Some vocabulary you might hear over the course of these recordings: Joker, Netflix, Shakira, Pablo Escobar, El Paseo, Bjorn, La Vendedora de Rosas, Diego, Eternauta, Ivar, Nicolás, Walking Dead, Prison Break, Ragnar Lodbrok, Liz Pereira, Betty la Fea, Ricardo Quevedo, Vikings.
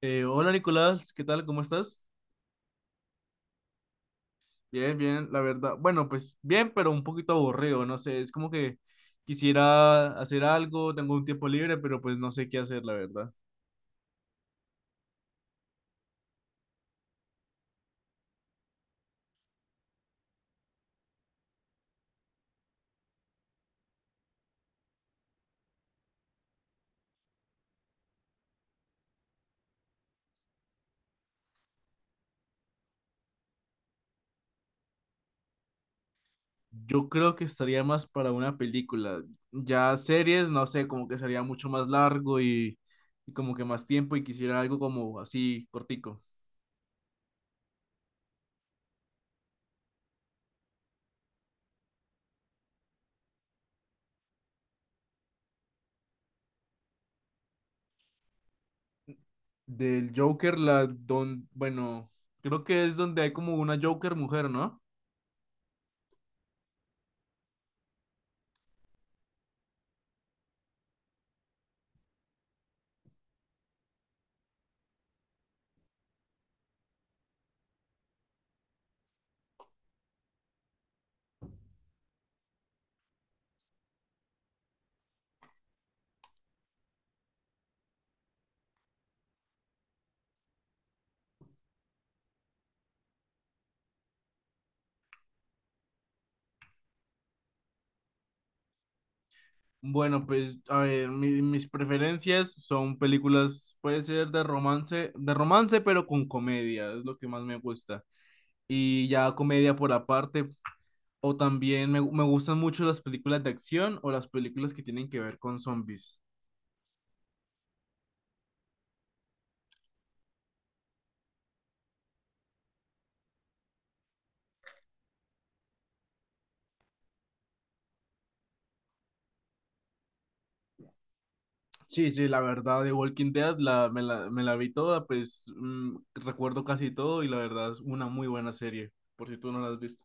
Hola, Nicolás, ¿qué tal? ¿Cómo estás? Bien, bien, la verdad. Bueno, pues bien, pero un poquito aburrido, no sé, es como que quisiera hacer algo, tengo un tiempo libre, pero pues no sé qué hacer, la verdad. Yo creo que estaría más para una película. Ya series, no sé, como que sería mucho más largo y como que más tiempo y quisiera algo como así cortico. Del Joker, la don, bueno, creo que es donde hay como una Joker mujer, ¿no? Bueno, pues, a ver, mis preferencias son películas, puede ser de romance, pero con comedia, es lo que más me gusta. Y ya comedia por aparte, o también me gustan mucho las películas de acción o las películas que tienen que ver con zombies. Sí, sí, la verdad, de Walking Dead me la vi toda, pues mm, recuerdo casi todo y la verdad es una muy buena serie, por si tú no la has visto.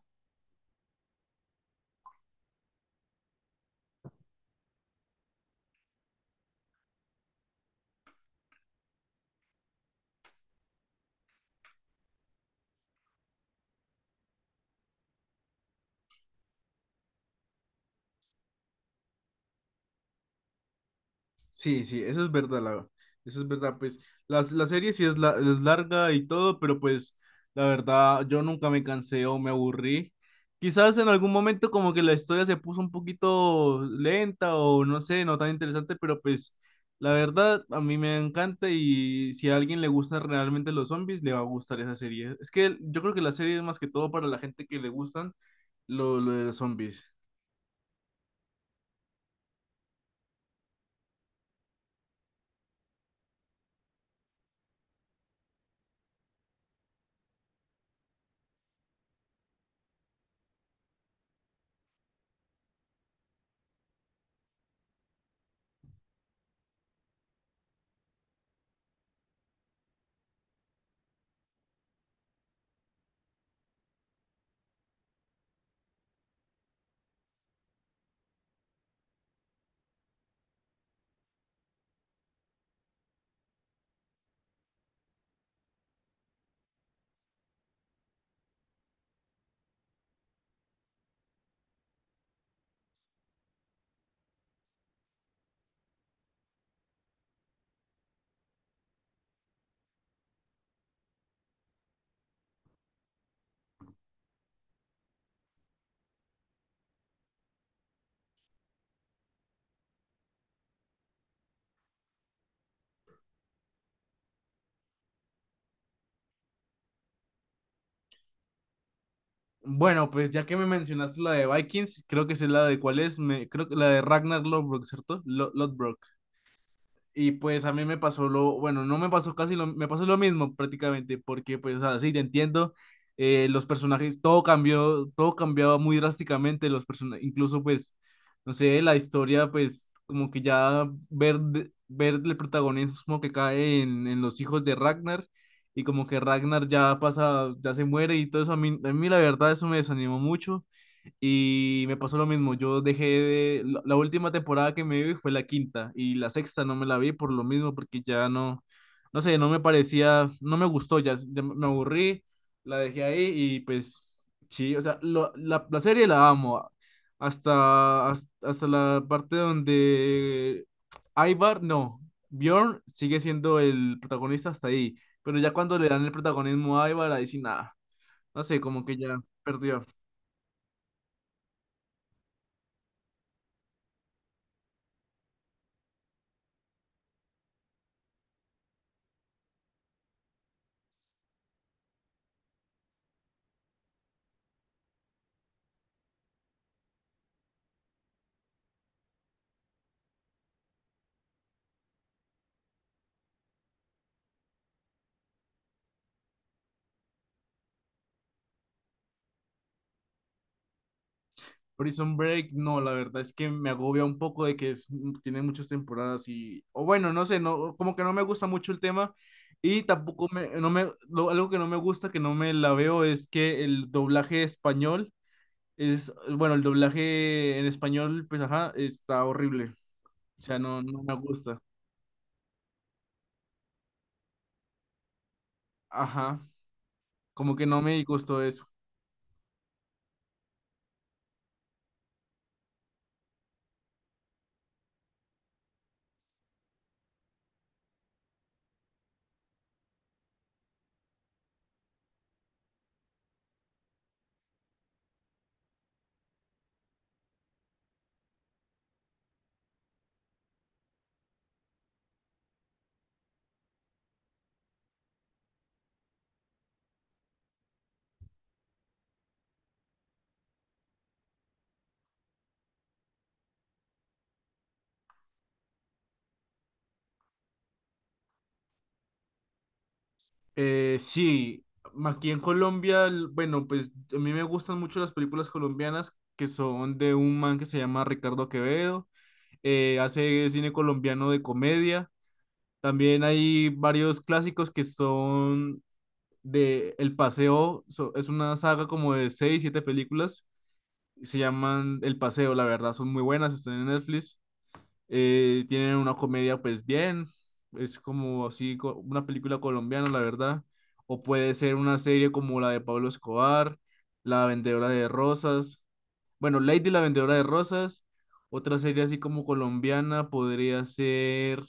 Sí, sí, eso es verdad, la, eso es verdad, pues serie sí es, la, es larga y todo, pero pues la verdad yo nunca me cansé o me aburrí. Quizás en algún momento como que la historia se puso un poquito lenta o no sé, no tan interesante, pero pues la verdad a mí me encanta y si a alguien le gustan realmente los zombies, le va a gustar esa serie. Es que yo creo que la serie es más que todo para la gente que le gustan lo de los zombies. Bueno, pues ya que me mencionaste la de Vikings, creo que es la de cuál es, me, creo que la de Ragnar Lodbrok, ¿cierto? Lodbrok. Y pues a mí me pasó lo, bueno, no me pasó casi lo, me pasó lo mismo prácticamente, porque pues, o sea, sí, te entiendo, los personajes, todo cambió, todo cambiaba muy drásticamente, los personajes, incluso pues, no sé, la historia, pues, como que ya ver, ver el protagonismo que cae en los hijos de Ragnar, y como que Ragnar ya pasa, ya se muere y todo eso, a mí la verdad eso me desanimó mucho, y me pasó lo mismo, yo dejé de... la última temporada que me vi fue la quinta y la sexta no me la vi por lo mismo, porque ya no, no sé, no me parecía, no me gustó, ya, ya me aburrí, la dejé ahí y pues sí, o sea, la serie la amo, hasta la parte donde Ivar, no, Bjorn sigue siendo el protagonista hasta ahí, pero ya cuando le dan el protagonismo a Ivar, ahí sí nada, no sé, como que ya perdió. Prison Break, no, la verdad es que me agobia un poco de que mm, tiene muchas temporadas y, o bueno, no sé, no, como que no me gusta mucho el tema y tampoco no algo que no me gusta, que no me la veo, es que el doblaje español es, bueno, el doblaje en español, pues ajá, está horrible, o sea, no, no me gusta, ajá, como que no me gustó eso. Sí, aquí en Colombia, bueno, pues a mí me gustan mucho las películas colombianas que son de un man que se llama Ricardo Quevedo, hace cine colombiano de comedia. También hay varios clásicos que son de El Paseo, es una saga como de seis, siete películas, se llaman El Paseo, la verdad, son muy buenas, están en Netflix. Tienen una comedia, pues bien, es como así, una película colombiana, la verdad. O puede ser una serie como la de Pablo Escobar, La Vendedora de Rosas. Bueno, Lady la Vendedora de Rosas. Otra serie así como colombiana podría ser.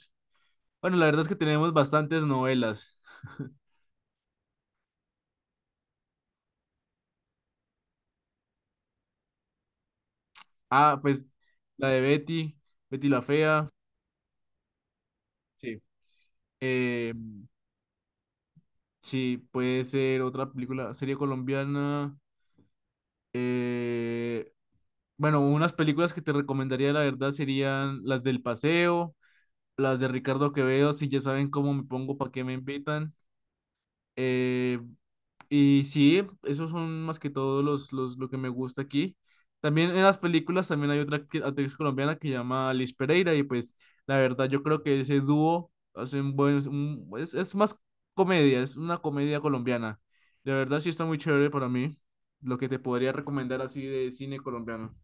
Bueno, la verdad es que tenemos bastantes novelas. Ah, pues la de Betty, Betty la Fea. Sí. Eh, sí, puede ser otra película, serie colombiana. Eh, Bueno, unas películas que te recomendaría, la verdad, serían las del Paseo, las de Ricardo Quevedo, si ya saben cómo me pongo, para qué me invitan. Eh, y sí, esos son más que todo lo que me gusta aquí. También en las películas también hay otra actriz colombiana que se llama Liz Pereira y pues la verdad yo creo que ese dúo hace un buen, es más comedia, es una comedia colombiana. La verdad sí está muy chévere para mí lo que te podría recomendar así de cine colombiano.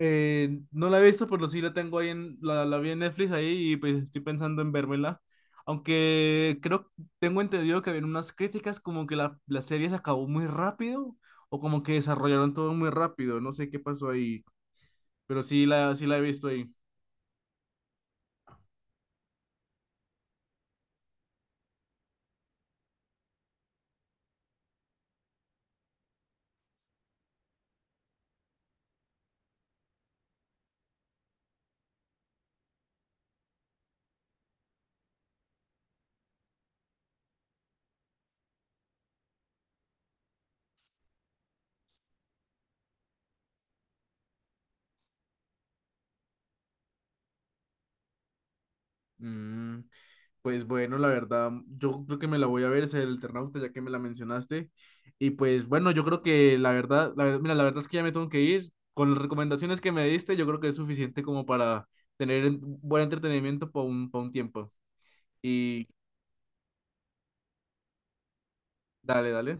No la he visto, pero sí la tengo ahí en, la vi en Netflix ahí y pues estoy pensando en vérmela. Aunque creo, tengo entendido que había unas críticas como que la serie se acabó muy rápido o como que desarrollaron todo muy rápido, no sé qué pasó ahí, pero sí sí la he visto ahí. Mm. Pues bueno, la verdad, yo creo que me la voy a ver, es el Eternauta, ya que me la mencionaste. Y pues bueno, yo creo que la verdad, mira, la verdad es que ya me tengo que ir. Con las recomendaciones que me diste, yo creo que es suficiente como para tener buen entretenimiento por un, pa' un tiempo. Y dale, dale.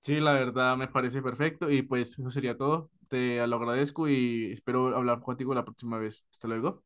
Sí, la verdad me parece perfecto. Y pues eso sería todo. Te lo agradezco y espero hablar contigo la próxima vez. Hasta luego.